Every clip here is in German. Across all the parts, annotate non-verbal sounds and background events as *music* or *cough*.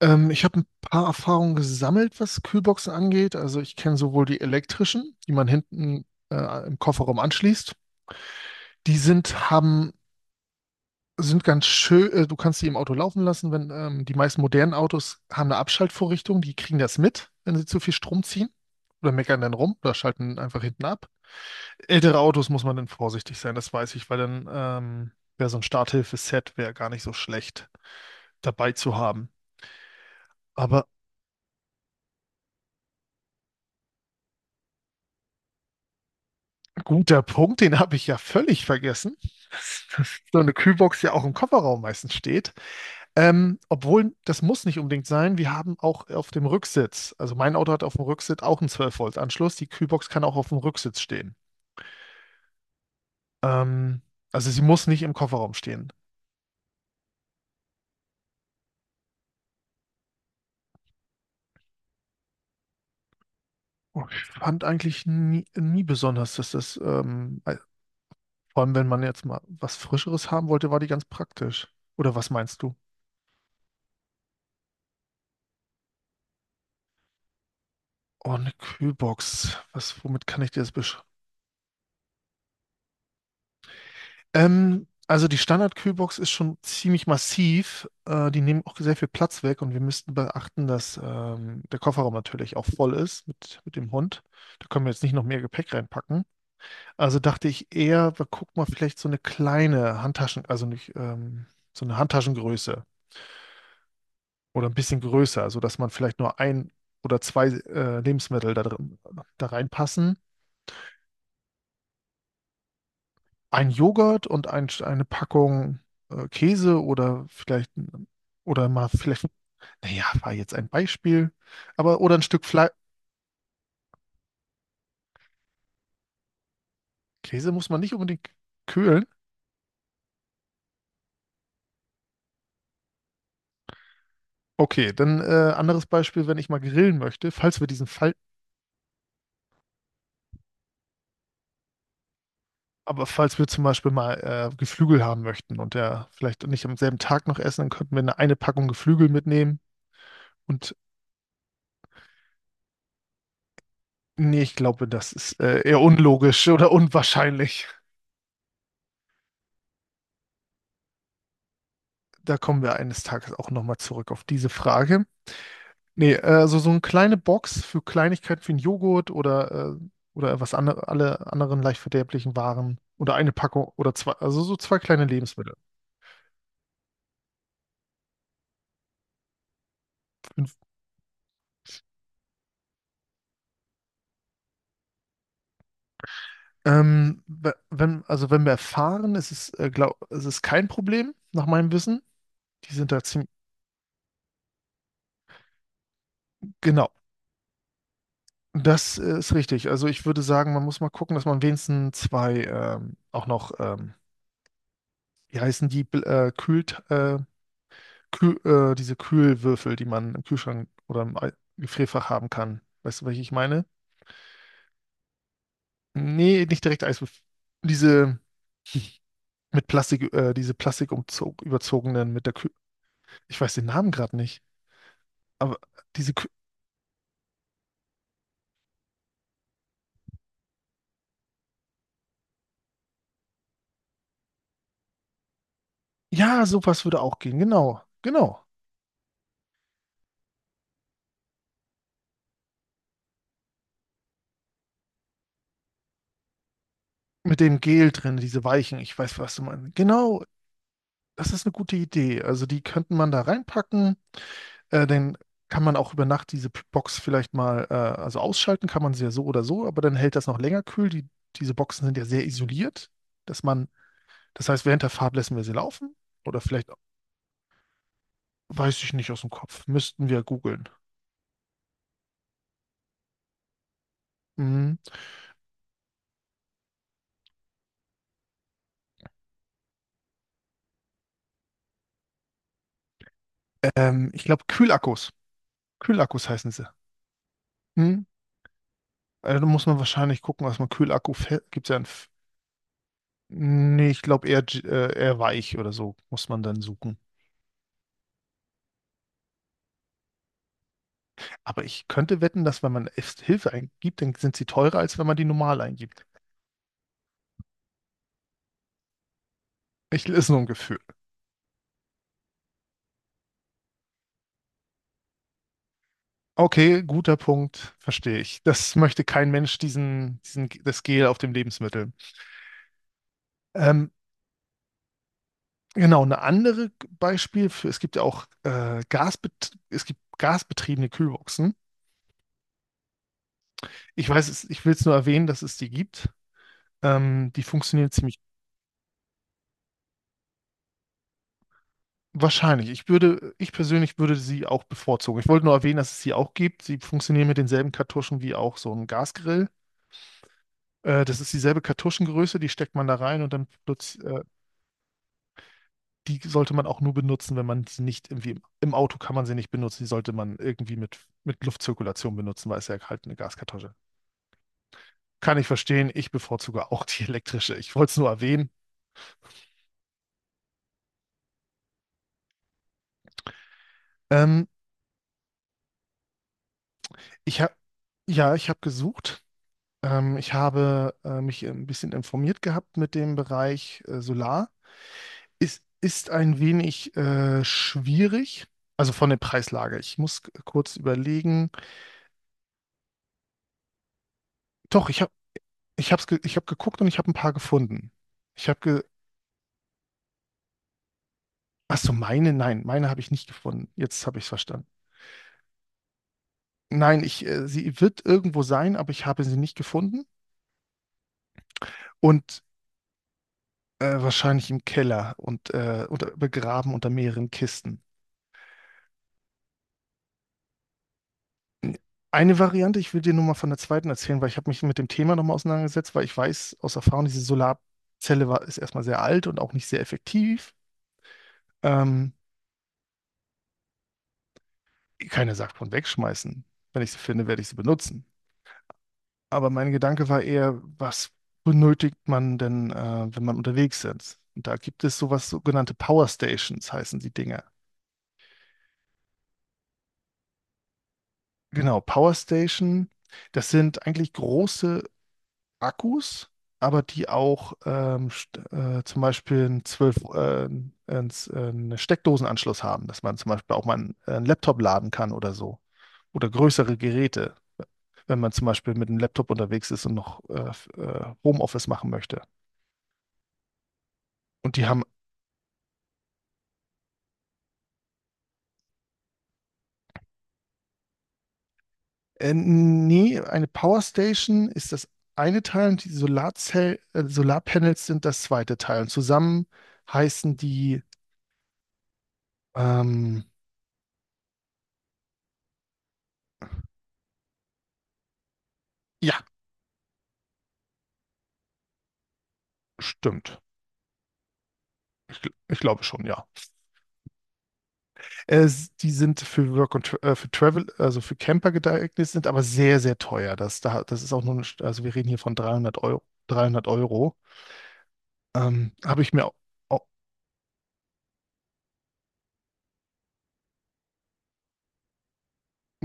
Ich habe ein paar Erfahrungen gesammelt, was Kühlboxen angeht. Also ich kenne sowohl die elektrischen, die man hinten im Kofferraum anschließt. Die sind ganz schön, du kannst die im Auto laufen lassen, wenn die meisten modernen Autos haben eine Abschaltvorrichtung, die kriegen das mit, wenn sie zu viel Strom ziehen. Oder meckern dann rum oder schalten einfach hinten ab. Ältere Autos muss man dann vorsichtig sein, das weiß ich, weil dann wäre so ein Starthilfe-Set wäre gar nicht so schlecht dabei zu haben. Guter Punkt, den habe ich ja völlig vergessen. Dass so eine Kühlbox ja auch im Kofferraum meistens steht. Obwohl, das muss nicht unbedingt sein. Wir haben auch auf dem Rücksitz, also mein Auto hat auf dem Rücksitz auch einen 12-Volt-Anschluss. Die Kühlbox kann auch auf dem Rücksitz stehen. Ähm, also sie muss nicht im Kofferraum stehen. Und ich fand eigentlich nie, nie besonders, dass das, vor allem wenn man jetzt mal was Frischeres haben wollte, war die ganz praktisch. Oder was meinst du? Oh, eine Kühlbox. Was, womit kann ich dir das besch Also die Standard-Kühlbox ist schon ziemlich massiv. Die nehmen auch sehr viel Platz weg und wir müssten beachten, dass der Kofferraum natürlich auch voll ist mit dem Hund. Da können wir jetzt nicht noch mehr Gepäck reinpacken. Also dachte ich eher, wir gucken mal vielleicht so eine kleine Handtaschen, also nicht so eine Handtaschengröße oder ein bisschen größer, sodass man vielleicht nur ein oder zwei Lebensmittel da drin, da reinpassen ein Joghurt und eine Packung Käse oder vielleicht oder mal vielleicht, naja, war jetzt ein Beispiel, aber oder ein Stück Fleisch. Käse muss man nicht unbedingt kühlen. Okay, dann anderes Beispiel, wenn ich mal grillen möchte, falls wir diesen Fall, aber falls wir zum Beispiel mal Geflügel haben möchten und der vielleicht nicht am selben Tag noch essen, dann könnten wir eine Packung Geflügel mitnehmen. Und nee, ich glaube, das ist eher unlogisch oder unwahrscheinlich. Da kommen wir eines Tages auch nochmal zurück auf diese Frage. Nee, also so eine kleine Box für Kleinigkeiten für einen Joghurt oder was andere, alle anderen leicht verderblichen Waren oder eine Packung oder zwei, also so zwei kleine Lebensmittel. Fünf. Wenn, also wenn wir fahren, ist es, glaub, es ist kein Problem, nach meinem Wissen. Die sind da ziemlich, genau, das ist richtig. Also ich würde sagen, man muss mal gucken, dass man wenigstens zwei auch noch, wie heißen die, Kühl, Kühl, diese Kühlwürfel, die man im Kühlschrank oder im Ei- Gefrierfach haben kann. Weißt du, welche ich meine? Nee, nicht direkt Eiswürfel. Diese *laughs* mit Plastik, diese Plastik überzogenen mit der Kühl. Ich weiß den Namen gerade nicht. Aber diese Kü Ja, sowas würde auch gehen. Genau, genau. Mit dem Gel drin, diese Weichen. Ich weiß, was du meinst. Genau, das ist eine gute Idee. Also die könnte man da reinpacken. Dann kann man auch über Nacht diese P- Box vielleicht mal, also ausschalten kann man sie ja so oder so, aber dann hält das noch länger kühl. Die, diese Boxen sind ja sehr isoliert, dass man, das heißt, während der Fahrt lassen wir sie laufen oder vielleicht, weiß ich nicht aus dem Kopf, müssten wir googeln. Mhm. Ich glaube, Kühlakkus. Kühlakkus heißen sie. Mhm. Also, da muss man wahrscheinlich gucken, was man Kühlakku, gibt es ja ein, F- nee, ich glaube eher, eher weich oder so, muss man dann suchen. Aber ich könnte wetten, dass wenn man erst Hilfe eingibt, dann sind sie teurer, als wenn man die normal eingibt. Ich ist nur ein Gefühl. Okay, guter Punkt, verstehe ich. Das möchte kein Mensch, diesen, diesen, das Gel auf dem Lebensmittel. Ähm, genau, ein anderes Beispiel für, es gibt ja auch Gasbet es gibt gasbetriebene Kühlboxen. Ich weiß, es, ich will es nur erwähnen, dass es die gibt. Die funktionieren ziemlich wahrscheinlich. Ich würde, ich persönlich würde sie auch bevorzugen. Ich wollte nur erwähnen, dass es sie auch gibt. Sie funktionieren mit denselben Kartuschen wie auch so ein Gasgrill. Das ist dieselbe Kartuschengröße, die steckt man da rein und dann plötzlich, die sollte man auch nur benutzen, wenn man sie nicht irgendwie im Auto kann man sie nicht benutzen. Die sollte man irgendwie mit Luftzirkulation benutzen, weil es ja halt eine Gaskartusche. Kann ich verstehen. Ich bevorzuge auch die elektrische. Ich wollte es nur erwähnen. Ähm, ich habe ja, Ich habe gesucht. Ich habe mich ein bisschen informiert gehabt mit dem Bereich Solar. Es ist ein wenig schwierig, also von der Preislage. Ich muss kurz überlegen. Doch, ich hab geguckt und ich habe ein paar gefunden. Ich habe ge Ach so, meine, nein, meine habe ich nicht gefunden. Jetzt habe ich es verstanden. Nein, sie wird irgendwo sein, aber ich habe sie nicht gefunden und wahrscheinlich im Keller und unter, begraben unter mehreren Kisten. Eine Variante, ich will dir nur mal von der zweiten erzählen, weil ich habe mich mit dem Thema nochmal auseinandergesetzt, weil ich weiß aus Erfahrung, diese Solarzelle war, ist erstmal sehr alt und auch nicht sehr effektiv. Ähm, Keiner sagt von wegschmeißen. Wenn ich sie finde, werde ich sie benutzen. Aber mein Gedanke war eher, was benötigt man denn, wenn man unterwegs ist? Und da gibt es sowas, sogenannte Power Stations heißen die Dinger. Genau, Power Station, das sind eigentlich große Akkus, aber die auch zum Beispiel einen 12, einen einen Steckdosenanschluss haben, dass man zum Beispiel auch mal einen Laptop laden kann oder so. Oder größere Geräte, wenn man zum Beispiel mit einem Laptop unterwegs ist und noch Homeoffice machen möchte. Und die haben Nee, eine Powerstation ist das eine Teil und die Solarzell Solarpanels sind das zweite Teil. Und zusammen heißen die, ähm, ja, stimmt. Ich glaube schon, ja. Die sind für Work und für Travel, also für Camper geeignet, sind aber sehr, sehr teuer. Das, da, das ist auch nur, eine, St- Also wir reden hier von 300 Euro. 300 Euro. Habe ich mir au- au-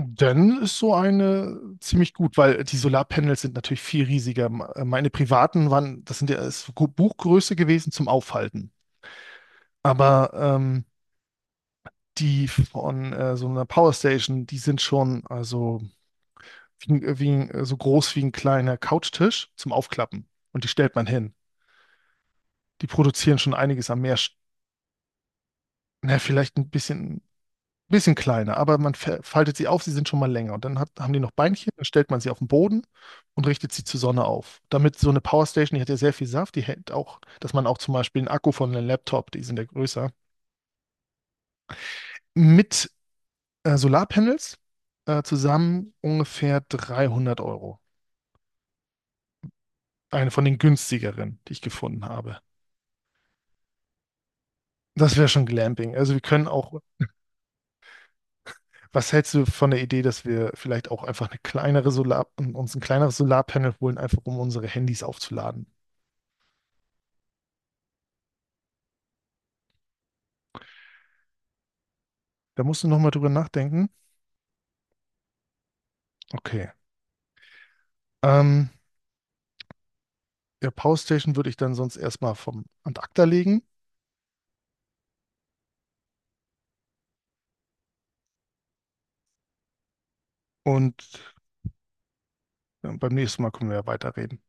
Dann ist so eine ziemlich gut, weil die Solarpanels sind natürlich viel riesiger. Meine privaten waren, das sind ja ist Buchgröße gewesen zum Aufhalten. Aber die von so einer Powerstation, die sind schon, also so groß wie ein kleiner Couchtisch zum Aufklappen. Und die stellt man hin. Die produzieren schon einiges an mehr, na, vielleicht ein bisschen kleiner, aber man faltet sie auf, sie sind schon mal länger. Und dann haben die noch Beinchen, dann stellt man sie auf den Boden und richtet sie zur Sonne auf. Damit so eine Powerstation, die hat ja sehr viel Saft, die hält auch, dass man auch zum Beispiel einen Akku von einem Laptop, die sind ja größer, mit Solarpanels zusammen ungefähr 300 Euro. Eine von den günstigeren, die ich gefunden habe. Das wäre schon Glamping. Also wir können auch, was hältst du von der Idee, dass wir vielleicht auch einfach eine kleinere Solar, uns ein kleineres Solarpanel holen, einfach um unsere Handys aufzuladen? Da musst du nochmal drüber nachdenken. Okay. Ähm, ja, Power Station würde ich dann sonst erstmal vom Ad acta legen und beim nächsten Mal können wir ja weiterreden.